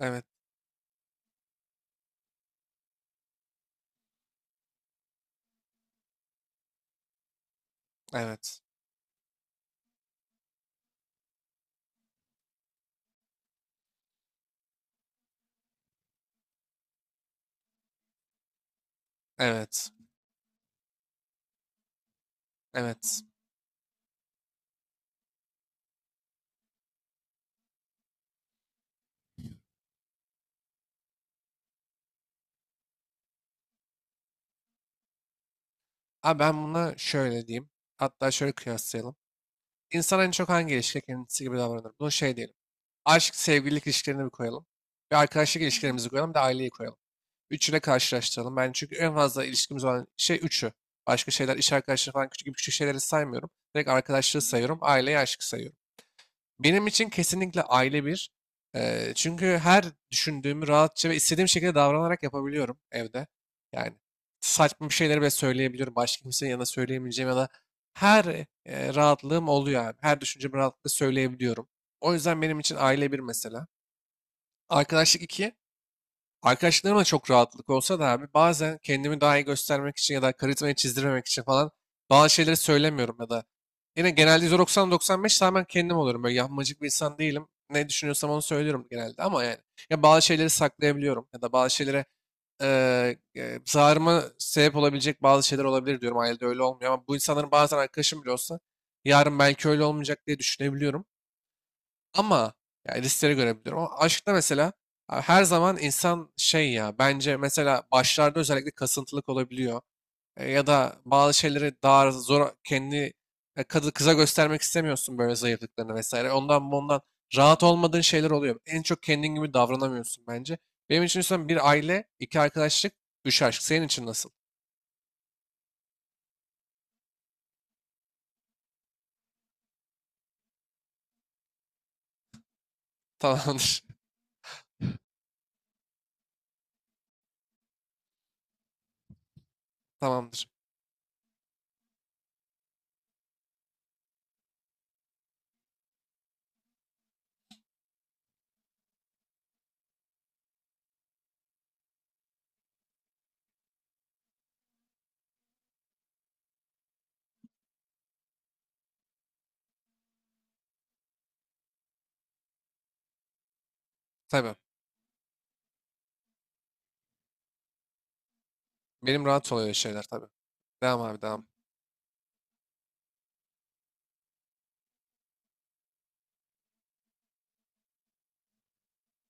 Evet, evet, evet, evet. Abi ben buna şöyle diyeyim. Hatta şöyle kıyaslayalım. İnsan en çok hangi ilişkide kendisi gibi davranır? Bunu şey diyelim. Aşk, sevgililik ilişkilerini bir koyalım. Bir arkadaşlık ilişkilerimizi koyalım. Bir de aileyi koyalım. Üçüyle karşılaştıralım. Ben çünkü en fazla ilişkimiz olan şey üçü. Başka şeyler, iş arkadaşları falan küçük küçük şeyleri saymıyorum. Direkt arkadaşlığı sayıyorum. Aileyi, aşkı sayıyorum. Benim için kesinlikle aile bir. Çünkü her düşündüğümü rahatça ve istediğim şekilde davranarak yapabiliyorum evde. Yani saçma bir şeyleri bile söyleyebiliyorum. Başka kimsenin yanına söyleyemeyeceğim ya da her rahatlığım oluyor abi. Her düşüncemi rahatlıkla söyleyebiliyorum. O yüzden benim için aile bir mesela. Arkadaşlık iki. Arkadaşlarıma çok rahatlık olsa da abi bazen kendimi daha iyi göstermek için ya da karizmayı çizdirmemek için falan bazı şeyleri söylemiyorum ya da yine genelde %90-95 tamamen kendim olurum. Böyle yapmacık bir insan değilim. Ne düşünüyorsam onu söylüyorum genelde ama yani ya bazı şeyleri saklayabiliyorum ya da bazı şeylere zararıma sebep olabilecek bazı şeyler olabilir diyorum. Ailede öyle olmuyor ama bu insanların bazen arkadaşım bile olsa yarın belki öyle olmayacak diye düşünebiliyorum. Ama yani riskleri görebiliyorum. Ama aşkta mesela abi her zaman insan şey ya bence mesela başlarda özellikle kasıntılık olabiliyor. Ya da bazı şeyleri daha zor kendi kadı kıza göstermek istemiyorsun böyle zayıflıklarını vesaire. Ondan bundan rahat olmadığın şeyler oluyor. En çok kendin gibi davranamıyorsun bence. Benim için sen bir aile, iki arkadaşlık, üç aşk. Senin için nasıl? Tamamdır. Tamamdır. Tabii. Benim rahat oluyor şeyler tabii. Devam abi devam.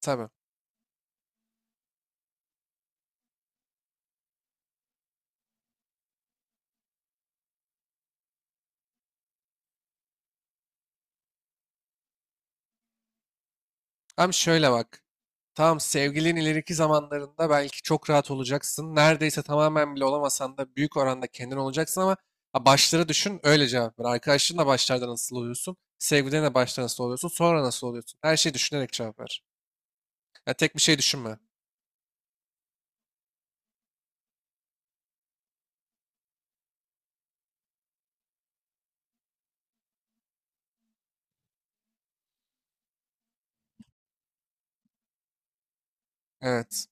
Tabii. Tam şöyle bak. Tamam sevgilin ileriki zamanlarında belki çok rahat olacaksın. Neredeyse tamamen bile olamasan da büyük oranda kendin olacaksın ama ha, başları düşün öyle cevap ver. Arkadaşlarınla başlarda nasıl oluyorsun? Sevgilinle başta nasıl oluyorsun? Sonra nasıl oluyorsun? Her şeyi düşünerek cevap ver. Ya tek bir şey düşünme. Evet.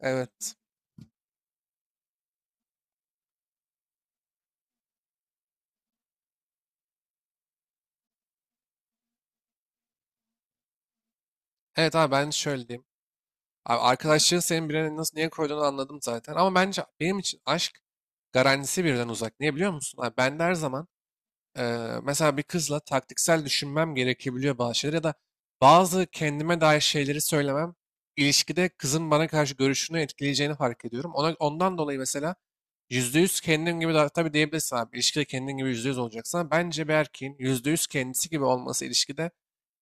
Evet. Evet abi ben şöyle diyeyim. Abi arkadaşlığın senin birine nasıl niye koyduğunu anladım zaten. Ama bence benim için aşk garantisi birden uzak. Niye biliyor musun? Abi ben de her zaman mesela bir kızla taktiksel düşünmem gerekebiliyor bazı şeyler ya da bazı kendime dair şeyleri söylemem ilişkide kızın bana karşı görüşünü etkileyeceğini fark ediyorum. Ona, ondan dolayı mesela %100 kendim gibi tabii diyebilirsin abi ilişkide kendin gibi %100 olacaksan bence bir erkeğin %100 kendisi gibi olması ilişkide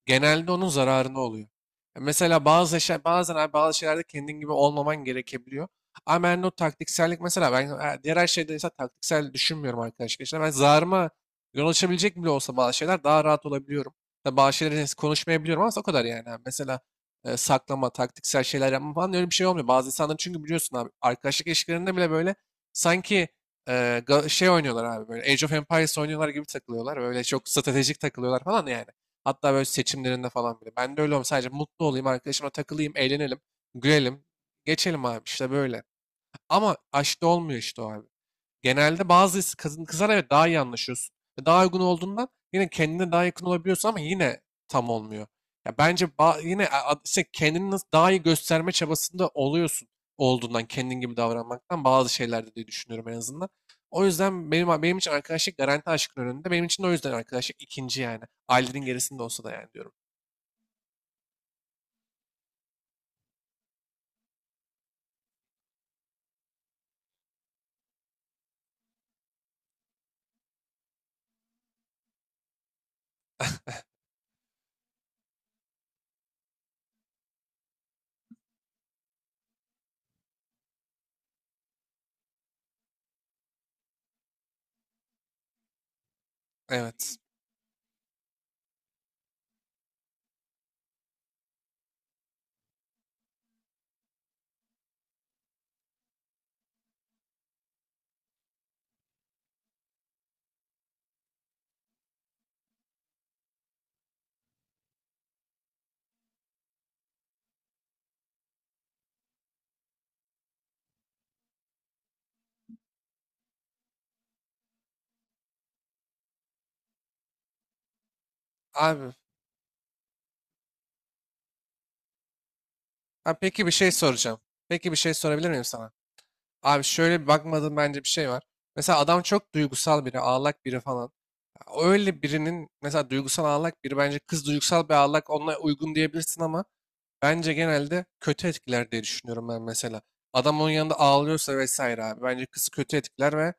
genelde onun zararına oluyor. Ya mesela bazen abi bazı şeylerde kendin gibi olmaman gerekebiliyor. Ama ben de o taktiksellik mesela ben diğer her şeyde ise taktiksel düşünmüyorum arkadaşlar. İşte ben zararıma yol açabilecek bile olsa bazı şeyler daha rahat olabiliyorum. Tabii bazı şeyleri konuşmayabiliyorum ama o kadar yani. Abi. Mesela saklama, taktiksel şeyler yapma falan öyle bir şey olmuyor. Bazı insanların çünkü biliyorsun abi arkadaşlık ilişkilerinde bile böyle sanki e, şey oynuyorlar abi böyle Age of Empires oynuyorlar gibi takılıyorlar. Böyle çok stratejik takılıyorlar falan yani. Hatta böyle seçimlerinde falan bile. Ben de öyle olmam. Sadece mutlu olayım, arkadaşıma takılayım, eğlenelim, gülelim. Geçelim abi işte böyle. Ama aşkta olmuyor işte o abi genelde bazı kadın kızlar evet daha iyi anlaşıyorsun. Ve daha uygun olduğundan yine kendine daha yakın olabiliyorsun ama yine tam olmuyor. Ya bence ba- yine a- a- işte kendini nasıl daha iyi gösterme çabasında oluyorsun olduğundan kendin gibi davranmaktan bazı şeylerde diye düşünüyorum en azından. O yüzden benim için arkadaşlık garanti aşkın önünde. Benim için de o yüzden arkadaşlık ikinci yani. Ailenin gerisinde olsa da yani diyorum. Evet. Abi. Ha, peki bir şey soracağım. Peki bir şey sorabilir miyim sana? Abi şöyle bir bakmadığım bence bir şey var. Mesela adam çok duygusal biri, ağlak biri falan. Öyle birinin mesela duygusal ağlak biri bence kız duygusal bir ağlak onunla uygun diyebilirsin ama bence genelde kötü etkiler diye düşünüyorum ben mesela. Adam onun yanında ağlıyorsa vesaire abi. Bence kızı kötü etkiler ve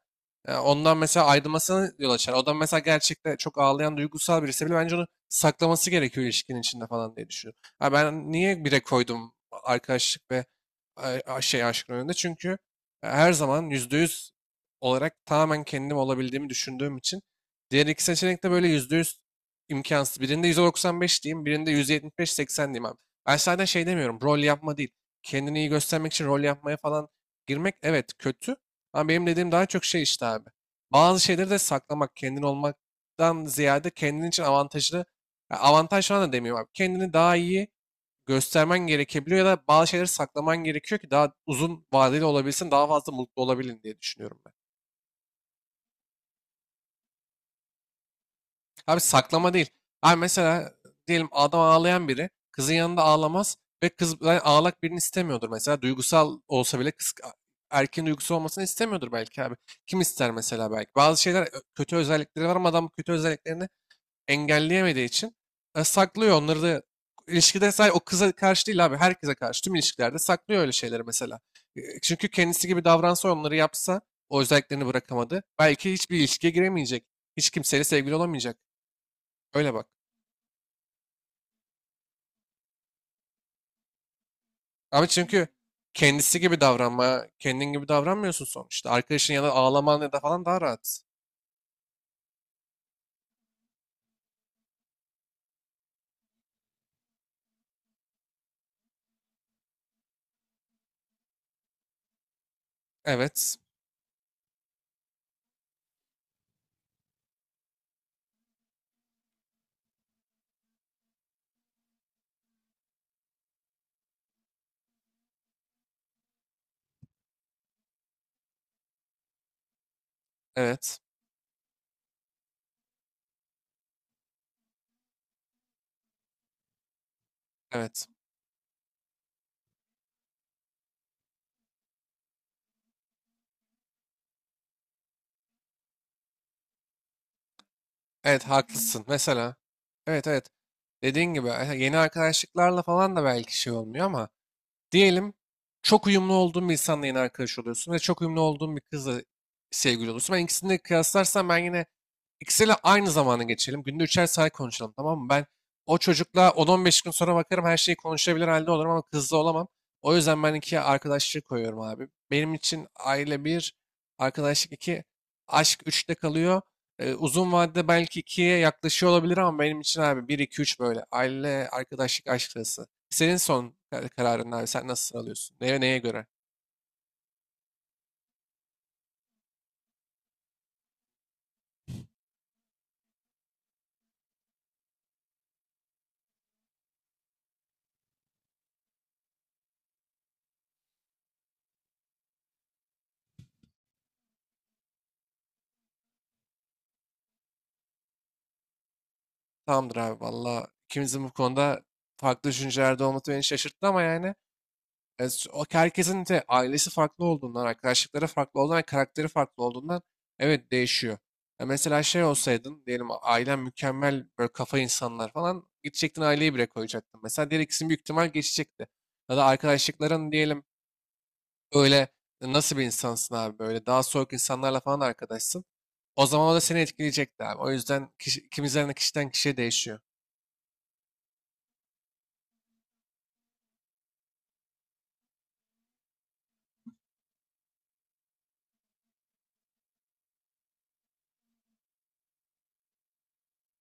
ondan mesela ayrılmasına yol açar. O da mesela gerçekten çok ağlayan duygusal birisi bile bence onu saklaması gerekiyor ilişkinin içinde falan diye düşünüyorum. Ha ben niye bire koydum arkadaşlık ve şey aşkın önünde? Çünkü her zaman %100 olarak tamamen kendim olabildiğimi düşündüğüm için diğer iki seçenek de böyle %100 imkansız. Birinde %95 diyeyim, birinde %75-80 diyeyim abi. Ben zaten şey demiyorum. Rol yapma değil. Kendini iyi göstermek için rol yapmaya falan girmek evet kötü. Ama benim dediğim daha çok şey işte abi. Bazı şeyleri de saklamak, kendin olmaktan ziyade kendin için avantajlı. Ya avantaj falan da demiyorum abi. Kendini daha iyi göstermen gerekebiliyor ya da bazı şeyleri saklaman gerekiyor ki daha uzun vadeli olabilsin, daha fazla mutlu olabilin diye düşünüyorum ben. Abi saklama değil. Abi mesela diyelim adam ağlayan biri kızın yanında ağlamaz ve kız yani ağlak birini istemiyordur mesela. Duygusal olsa bile kız erkeğin duygusu olmasını istemiyordur belki abi. Kim ister mesela belki. Bazı şeyler kötü özellikleri var ama adam bu kötü özelliklerini engelleyemediği için saklıyor onları da ilişkide sadece o kıza karşı değil abi herkese karşı tüm ilişkilerde saklıyor öyle şeyleri mesela. Çünkü kendisi gibi davransa onları yapsa o özelliklerini bırakamadı. Belki hiçbir ilişkiye giremeyecek. Hiç kimseyle sevgili olamayacak. Öyle bak. Abi çünkü kendin gibi davranmıyorsun sonuçta. Arkadaşın yanında ağlaman ya da falan daha rahat. Evet, evet, evet. Evet haklısın. Mesela. Evet. Dediğin gibi yeni arkadaşlıklarla falan da belki şey olmuyor ama diyelim çok uyumlu olduğum bir insanla yeni arkadaş oluyorsun ve çok uyumlu olduğum bir kızla sevgili oluyorsun. Ben ikisini de kıyaslarsam ben yine ikisiyle aynı zamanı geçelim. Günde üçer saat konuşalım tamam mı? Ben o çocukla 10-15 gün sonra bakarım her şeyi konuşabilir halde olurum ama kızla olamam. O yüzden ben ikiye arkadaşlığı koyuyorum abi. Benim için aile bir, arkadaşlık iki, aşk üçte kalıyor. Uzun vadede belki ikiye yaklaşıyor olabilir ama benim için abi bir, iki, üç böyle. Aile, arkadaşlık, aşk arası. Senin son kararın abi. Sen nasıl alıyorsun? Neye göre? Tamamdır abi valla. İkimizin bu konuda farklı düşüncelerde olması beni şaşırttı ama yani o herkesin de ailesi farklı olduğundan, arkadaşlıkları farklı olduğundan, karakteri farklı olduğundan evet değişiyor. Ya mesela şey olsaydın diyelim ailen mükemmel böyle kafa insanlar falan gidecektin aileyi bile koyacaktın. Mesela diğer ikisini büyük ihtimal geçecekti. Ya da arkadaşlıkların diyelim öyle nasıl bir insansın abi böyle daha soğuk insanlarla falan arkadaşsın. O zaman o da seni etkileyecekti abi. O yüzden kişiden kişiye değişiyor.